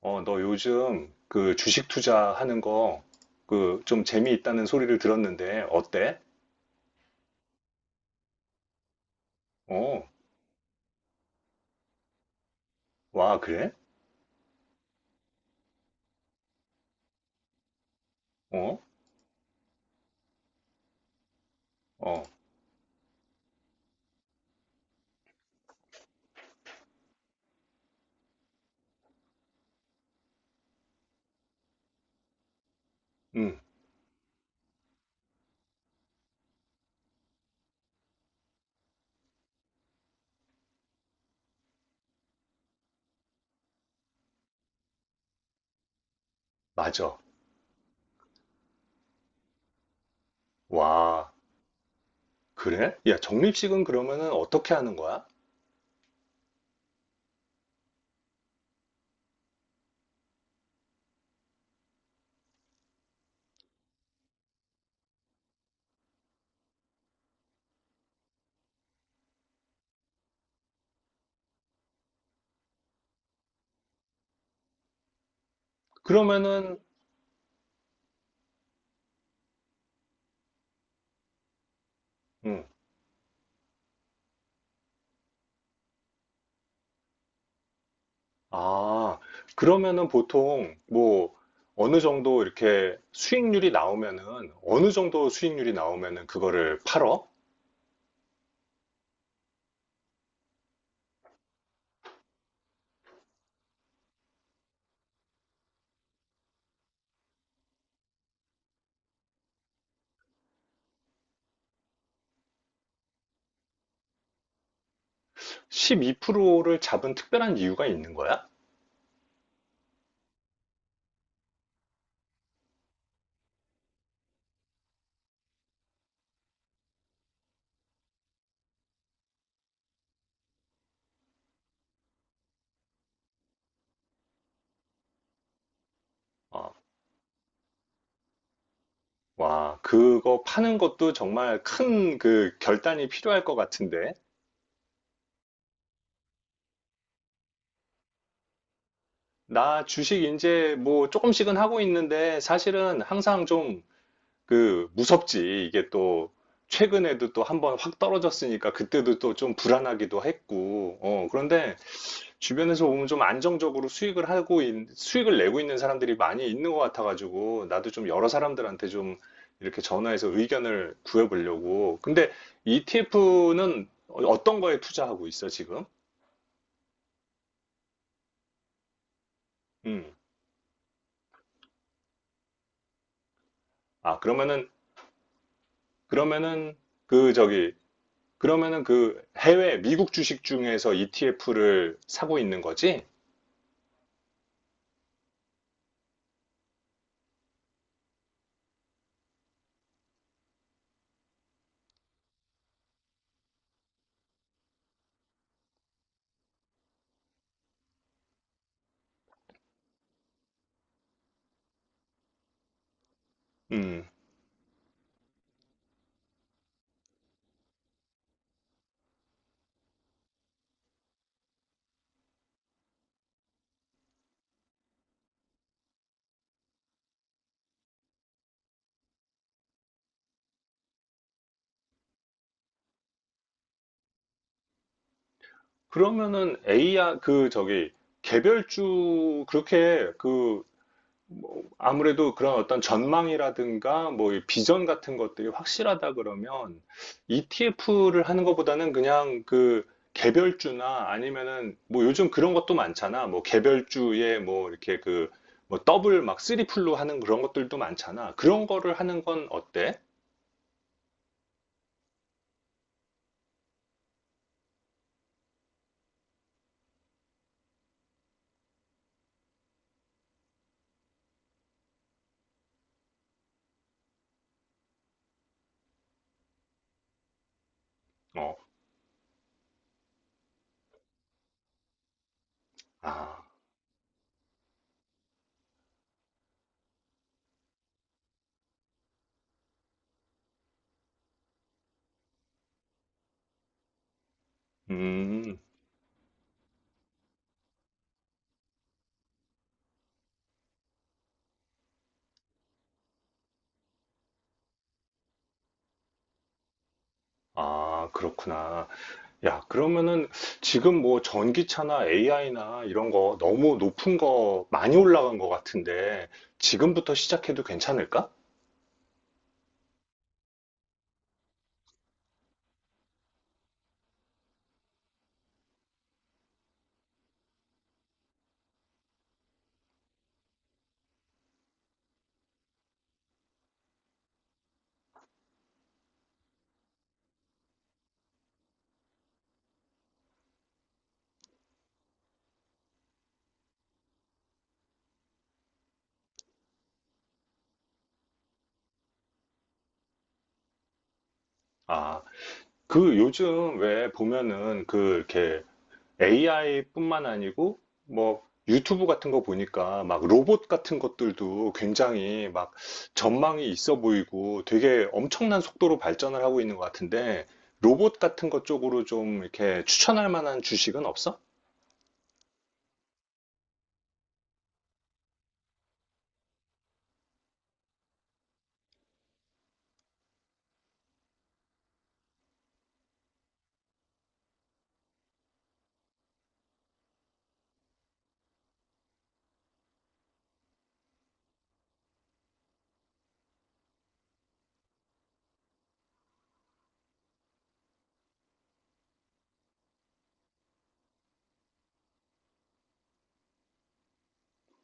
너 요즘 그 주식 투자하는 거 그 좀 재미있다는 소리를 들었는데 어때? 어, 와, 그래? 어, 어, 음, 맞아. 와, 그래? 야, 적립식은 그러면은 어떻게 하는 거야? 그러면은, 음, 아, 그러면은 보통 뭐 어느 정도 이렇게 수익률이 나오면은 어느 정도 수익률이 나오면은 그거를 팔어? 12%를 잡은 특별한 이유가 있는 거야? 어. 와, 그거 파는 것도 정말 큰 그 결단이 필요할 것 같은데. 나 주식 이제 뭐 조금씩은 하고 있는데 사실은 항상 좀 그 무섭지. 이게 또 최근에도 또 한번 확 떨어졌으니까 그때도 또 좀 불안하기도 했고. 어, 그런데 주변에서 보면 좀 안정적으로 수익을 내고 있는 사람들이 많이 있는 것 같아가지고 나도 좀 여러 사람들한테 좀 이렇게 전화해서 의견을 구해보려고. 근데 ETF는 어떤 거에 투자하고 있어 지금? 음. 아 그러면은 그러면은 그 저기 그러면은 그 해외 미국 주식 중에서 ETF를 사고 있는 거지? 음. 그러면은 a 그 저기 개별주 그렇게 그 뭐 아무래도 그런 어떤 전망이라든가 뭐이 비전 같은 것들이 확실하다 그러면 ETF를 하는 것보다는 그냥 그 개별주나 아니면은 뭐 요즘 그런 것도 많잖아. 뭐 개별주에 뭐 이렇게 그 뭐 더블 막 쓰리풀로 하는 그런 것들도 많잖아. 그런 거를 하는 건 어때? 어. 아. 음. 아, 그렇구나. 야, 그러면은 지금 뭐 전기차나 AI나 이런 거 너무 높은 거 많이 올라간 것 같은데 지금부터 시작해도 괜찮을까? 아, 그 요즘 왜 보면은 그 이렇게 AI뿐만 아니고 뭐 유튜브 같은 거 보니까 막 로봇 같은 것들도 굉장히 막 전망이 있어 보이고 되게 엄청난 속도로 발전을 하고 있는 것 같은데 로봇 같은 것 쪽으로 좀 이렇게 추천할 만한 주식은 없어?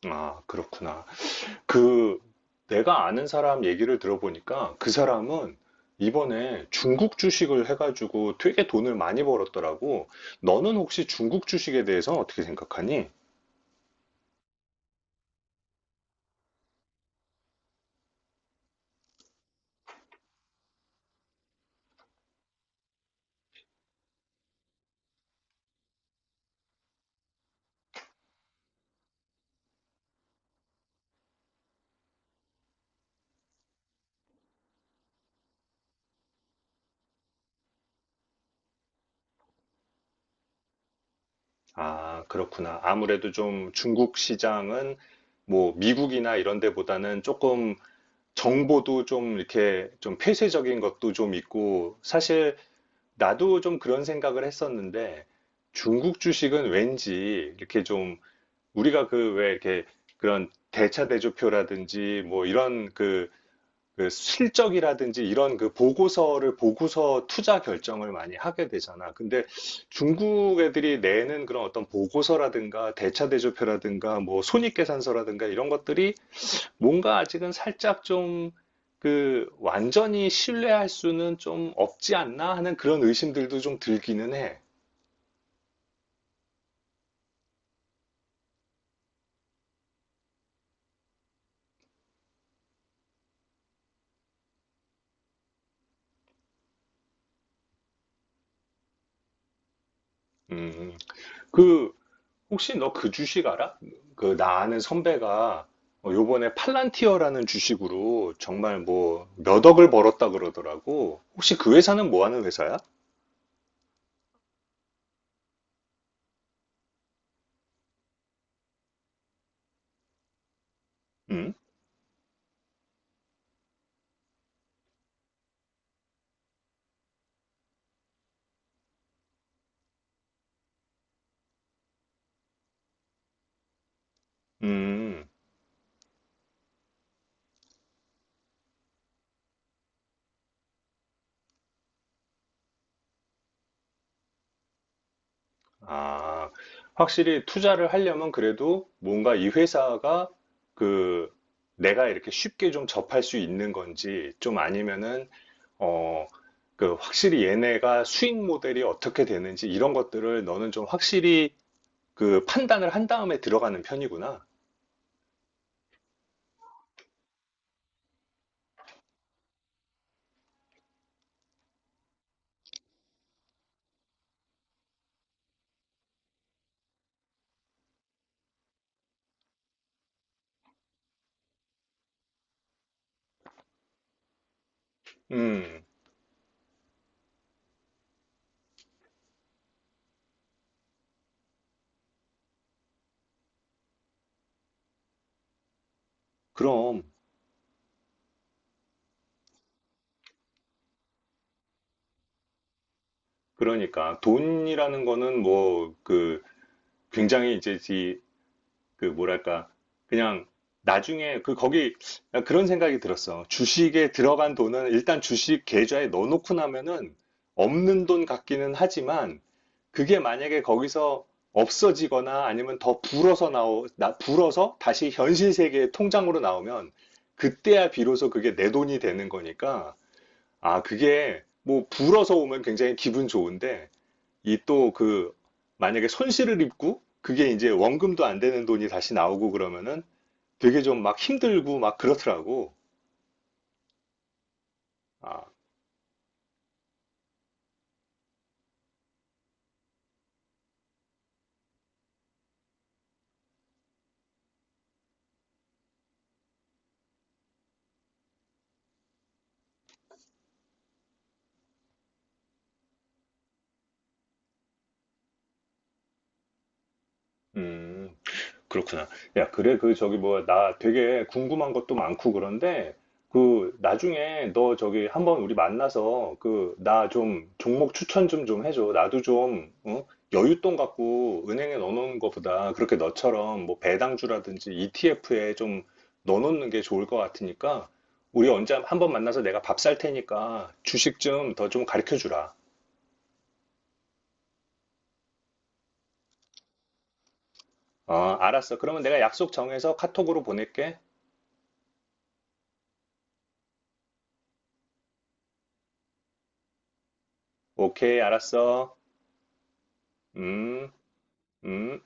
아, 그렇구나. 그, 내가 아는 사람 얘기를 들어보니까 그 사람은 이번에 중국 주식을 해가지고 되게 돈을 많이 벌었더라고. 너는 혹시 중국 주식에 대해서 어떻게 생각하니? 아, 그렇구나. 아무래도 좀 중국 시장은 뭐 미국이나 이런 데보다는 조금 정보도 좀 이렇게 좀 폐쇄적인 것도 좀 있고 사실 나도 좀 그런 생각을 했었는데 중국 주식은 왠지 이렇게 좀 우리가 그 왜 이렇게 그런 대차대조표라든지 뭐 이런 그, 그 실적이라든지 이런 그 보고서를 보고서 투자 결정을 많이 하게 되잖아. 근데 중국 애들이 내는 그런 어떤 보고서라든가 대차대조표라든가 뭐 손익계산서라든가 이런 것들이 뭔가 아직은 살짝 좀 그 완전히 신뢰할 수는 좀 없지 않나 하는 그런 의심들도 좀 들기는 해. 음. 그 혹시 너 그 주식 알아? 그 나 아는 선배가 어, 요번에 팔란티어라는 주식으로 정말 뭐 몇 억을 벌었다 그러더라고. 혹시 그 회사는 뭐 하는 회사야? 음? 음. 아, 확실히 투자를 하려면 그래도 뭔가 이 회사가 그 내가 이렇게 쉽게 좀 접할 수 있는 건지 좀 아니면은 어, 그 확실히 얘네가 수익 모델이 어떻게 되는지 이런 것들을 너는 좀 확실히 그 판단을 한 다음에 들어가는 편이구나. 음, 그럼, 그러니까. 돈이라는 거는 뭐, 그, 굉장히 이제, 이 그, 뭐랄까. 그냥, 나중에, 그, 거기, 그런 생각이 들었어. 주식에 들어간 돈은 일단 주식 계좌에 넣어놓고 나면은 없는 돈 같기는 하지만, 그게 만약에 거기서 없어지거나 아니면 더 불어서 불어서 다시 현실 세계의 통장으로 나오면, 그때야 비로소 그게 내 돈이 되는 거니까, 아, 그게 뭐 불어서 오면 굉장히 기분 좋은데 이 또 그 만약에 손실을 입고 그게 이제 원금도 안 되는 돈이 다시 나오고 그러면은 되게 좀 막 힘들고 막 그렇더라고. 아, 음, 그렇구나. 야, 그래, 그, 저기, 뭐야, 나 되게 궁금한 것도 많고 그런데, 그, 나중에 너 저기 한번 우리 만나서, 그, 나 좀 종목 추천 좀 해줘. 나도 좀, 어? 여윳돈 갖고 은행에 넣어놓는 것보다 그렇게 너처럼 뭐 배당주라든지 ETF에 좀 넣어놓는 게 좋을 것 같으니까, 우리 언제 한번 만나서 내가 밥 살 테니까 주식 좀 더 좀 가르쳐 주라. 어, 알았어. 그러면 내가 약속 정해서 카톡으로 보낼게. 오케이, 알았어. 음. 음.